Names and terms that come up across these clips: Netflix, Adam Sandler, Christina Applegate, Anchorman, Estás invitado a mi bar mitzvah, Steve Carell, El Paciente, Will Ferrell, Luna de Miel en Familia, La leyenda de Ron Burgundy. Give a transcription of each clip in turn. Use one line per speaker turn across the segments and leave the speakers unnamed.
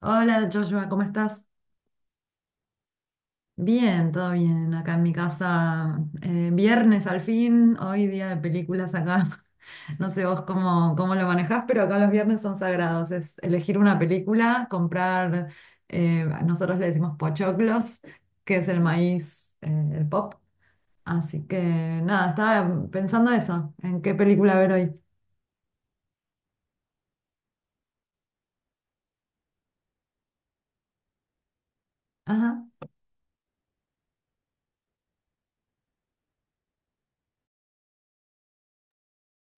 Hola Joshua, ¿cómo estás? Bien, todo bien. Acá en mi casa, viernes al fin, hoy día de películas acá. No sé vos cómo lo manejás, pero acá los viernes son sagrados. Es elegir una película, comprar, nosotros le decimos pochoclos, que es el maíz, el pop. Así que nada, estaba pensando eso, en qué película ver hoy. Ajá,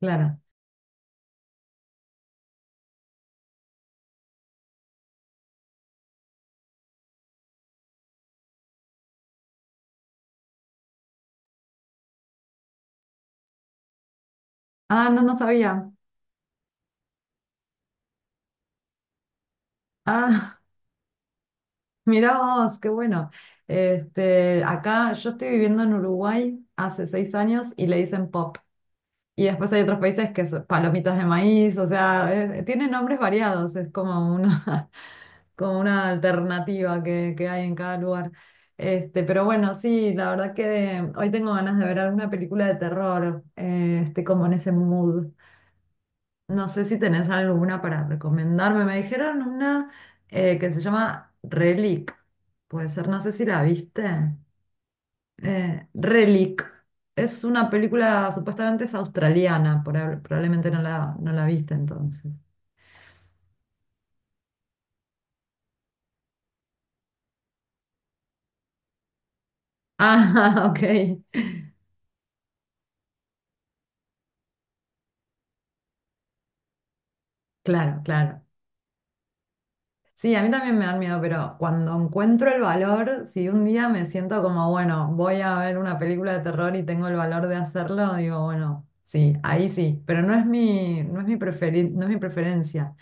claro. Ah, no, no sabía. Ah. Mirá vos, qué bueno. Este, acá yo estoy viviendo en Uruguay hace 6 años y le dicen pop. Y después hay otros países que son palomitas de maíz, o sea, es- tienen nombres variados, es como una, como una alternativa que hay en cada lugar. Este, pero bueno, sí, la verdad que hoy tengo ganas de ver alguna película de terror, este, como en ese mood. No sé si tenés alguna para recomendarme. Me dijeron una que se llama Relic. Puede ser, no sé si la viste. Relic. Es una película, supuestamente es australiana, probablemente no no la viste entonces. Ah, ok. Claro, claro. Sí, a mí también me dan miedo, pero cuando encuentro el valor, si un día me siento como, bueno, voy a ver una película de terror y tengo el valor de hacerlo, digo, bueno, sí, ahí sí, pero no es no es mi no es mi preferencia.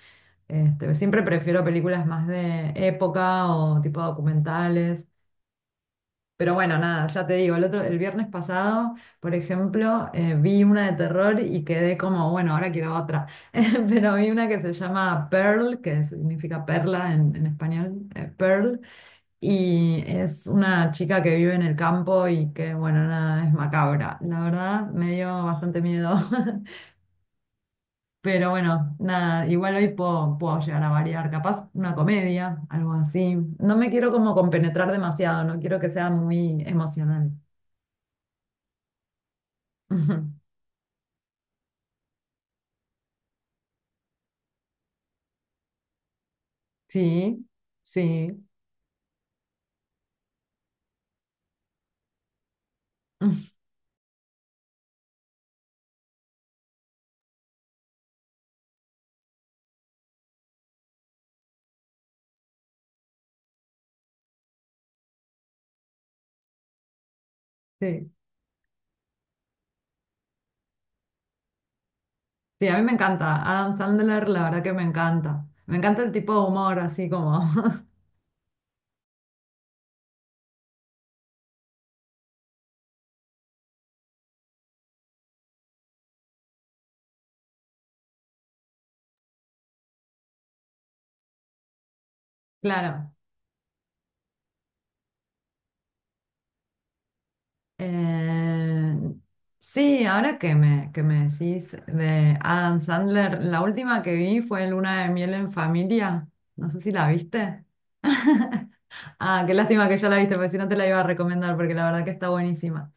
Este, siempre prefiero películas más de época o tipo documentales. Pero bueno, nada, ya te digo, el viernes pasado, por ejemplo, vi una de terror y quedé como, bueno, ahora quiero otra. Pero vi una que se llama Pearl, que significa perla en español, Pearl, y es una chica que vive en el campo y que, bueno, nada, es macabra. La verdad, me dio bastante miedo. Pero bueno, nada, igual hoy puedo llegar a variar, capaz una comedia, algo así. No me quiero como compenetrar demasiado, no quiero que sea muy emocional. Ujú. Sí, sí, mm, sí. Sí, a mí me encanta. Adam Sandler, la verdad que me encanta. Me encanta el tipo de humor, así como. Claro. Eh, sí, ahora que me decís de Adam Sandler, la última que vi fue Luna de Miel en Familia. No sé si la viste. Ah, qué lástima que ya la viste, porque si no te la iba a recomendar, porque la verdad que está buenísima.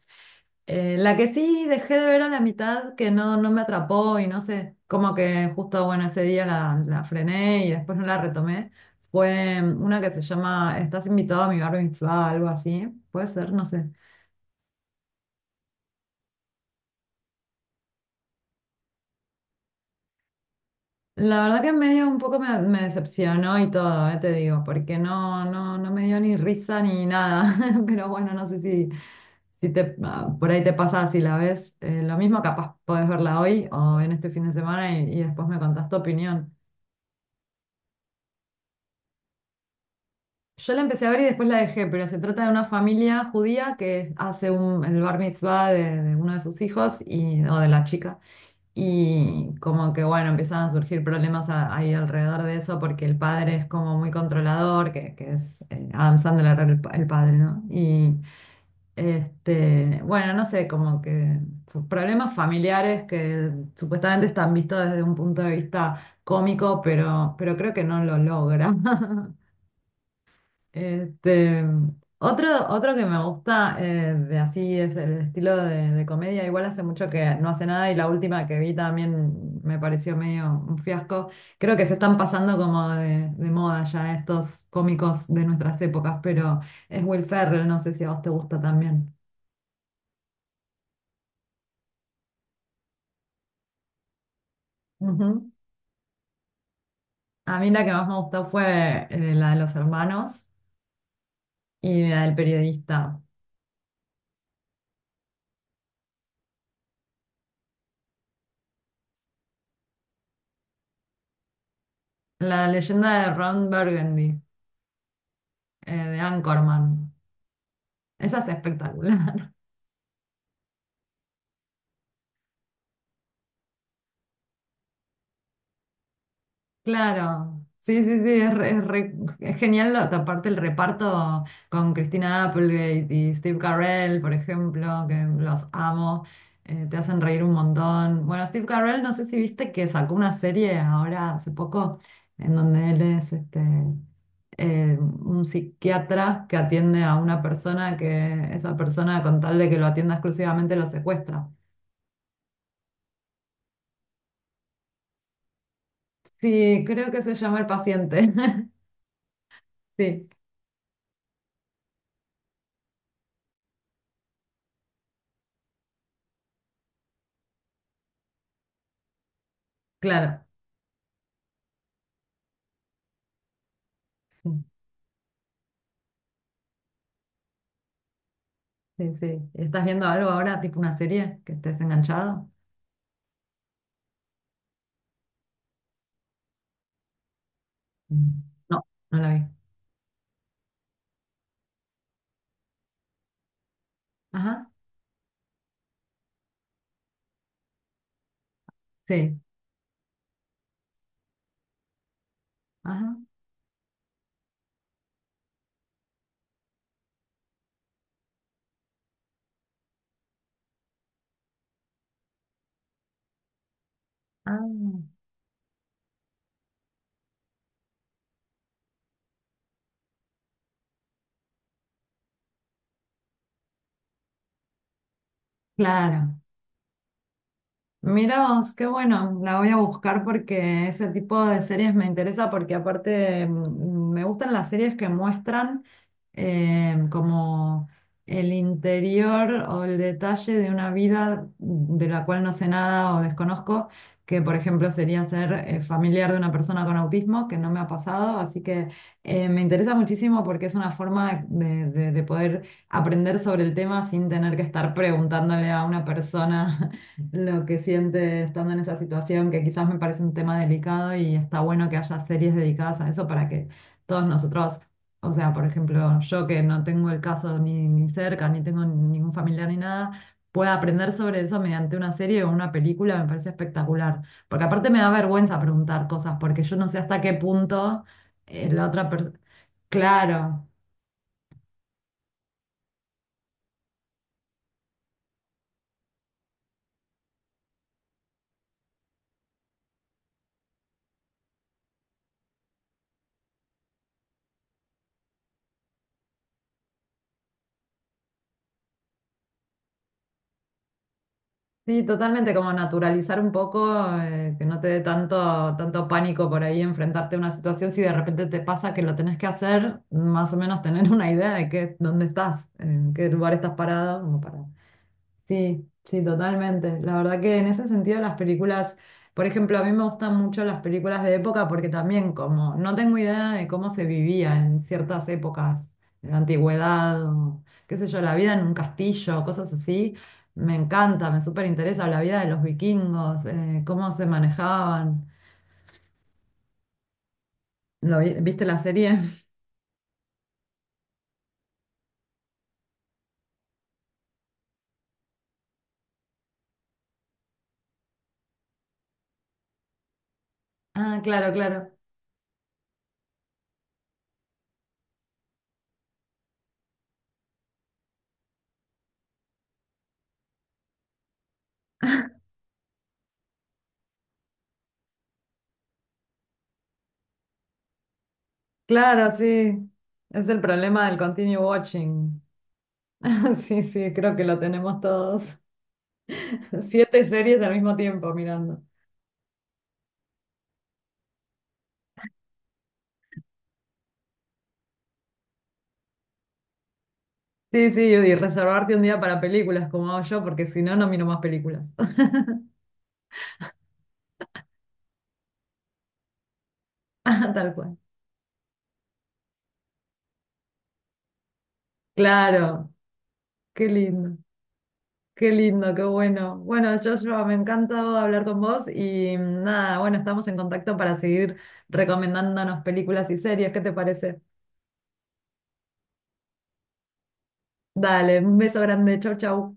La que sí dejé de ver a la mitad, que no, no me atrapó y no sé, como que justo, bueno, ese día la frené y después no la retomé, fue una que se llama Estás invitado a mi bar mitzvah, algo así, puede ser, no sé. La verdad que medio un poco me decepcionó y todo, te digo, porque no me dio ni risa ni nada, pero bueno, no sé si, si te, ah, por ahí te pasa, si la ves, lo mismo capaz podés verla hoy o en este fin de semana y después me contás tu opinión. Yo la empecé a ver y después la dejé, pero se trata de una familia judía que hace un, el bar mitzvah de uno de sus hijos y, o de la chica. Y como que bueno, empiezan a surgir problemas ahí alrededor de eso porque el padre es como muy controlador, que es Adam Sandler el padre, ¿no? Y este, bueno, no sé, como que problemas familiares que supuestamente están vistos desde un punto de vista cómico, pero creo que no lo logra. Este, otro que me gusta de así es el estilo de comedia. Igual hace mucho que no hace nada y la última que vi también me pareció medio un fiasco. Creo que se están pasando como de moda ya estos cómicos de nuestras épocas, pero es Will Ferrell, no sé si a vos te gusta también. Ujú. A mí la que más me gustó fue la de los hermanos y la del periodista. La leyenda de Ron Burgundy, de Anchorman. Esa es espectacular. Claro, sí, sí, sí, es, es genial, lo- aparte el reparto con Christina Applegate y Steve Carell, por ejemplo, que los amo, te hacen reír un montón. Bueno, Steve Carell, no sé si viste que sacó una serie ahora hace poco en donde él es este, un psiquiatra que atiende a una persona que esa persona con tal de que lo atienda exclusivamente lo secuestra. Sí, creo que se llama El Paciente. Sí, claro. Sí, sí. ¿Estás viendo algo ahora, tipo una serie que estés enganchado? Mm. No, no la vi. Ajá, sí. Ajá. Ah, claro. Mira vos, qué bueno, la voy a buscar porque ese tipo de series me interesa porque aparte me gustan las series que muestran como el interior o el detalle de una vida de la cual no sé nada o desconozco, que por ejemplo sería ser familiar de una persona con autismo, que no me ha pasado, así que me interesa muchísimo porque es una forma de poder aprender sobre el tema sin tener que estar preguntándole a una persona lo que siente estando en esa situación, que quizás me parece un tema delicado y está bueno que haya series dedicadas a eso para que todos nosotros, o sea, por ejemplo, yo que no tengo el caso ni cerca, ni tengo ningún familiar ni nada, pueda aprender sobre eso mediante una serie o una película, me parece espectacular. Porque aparte me da vergüenza preguntar cosas, porque yo no sé hasta qué punto la otra persona... Claro. Sí, totalmente, como naturalizar un poco, que no te dé tanto pánico por ahí enfrentarte a una situación. Si de repente te pasa que lo tenés que hacer, más o menos tener una idea de qué, dónde estás, en qué lugar estás parado, como para sí, sí, totalmente. La verdad que en ese sentido las películas, por ejemplo, a mí me gustan mucho las películas de época porque también como no tengo idea de cómo se vivía en ciertas épocas, en la antigüedad, o, qué sé yo, la vida en un castillo, cosas así, me encanta, me súper interesa la vida de los vikingos, cómo se manejaban. ¿Lo viste la serie? Ah, claro, claro. Claro, sí. Es el problema del continue watching. Sí, sí, creo que lo tenemos todos. Siete series al mismo tiempo mirando. Sí, sí, y reservarte un día para películas como hago yo, porque si no, no miro más películas. Ah, tal cual. Claro, qué lindo, qué lindo, qué bueno. Bueno, Joshua, me encanta hablar con vos y nada, bueno, estamos en contacto para seguir recomendándonos películas y series. ¿Qué te parece? Dale, un beso grande, chau, chau.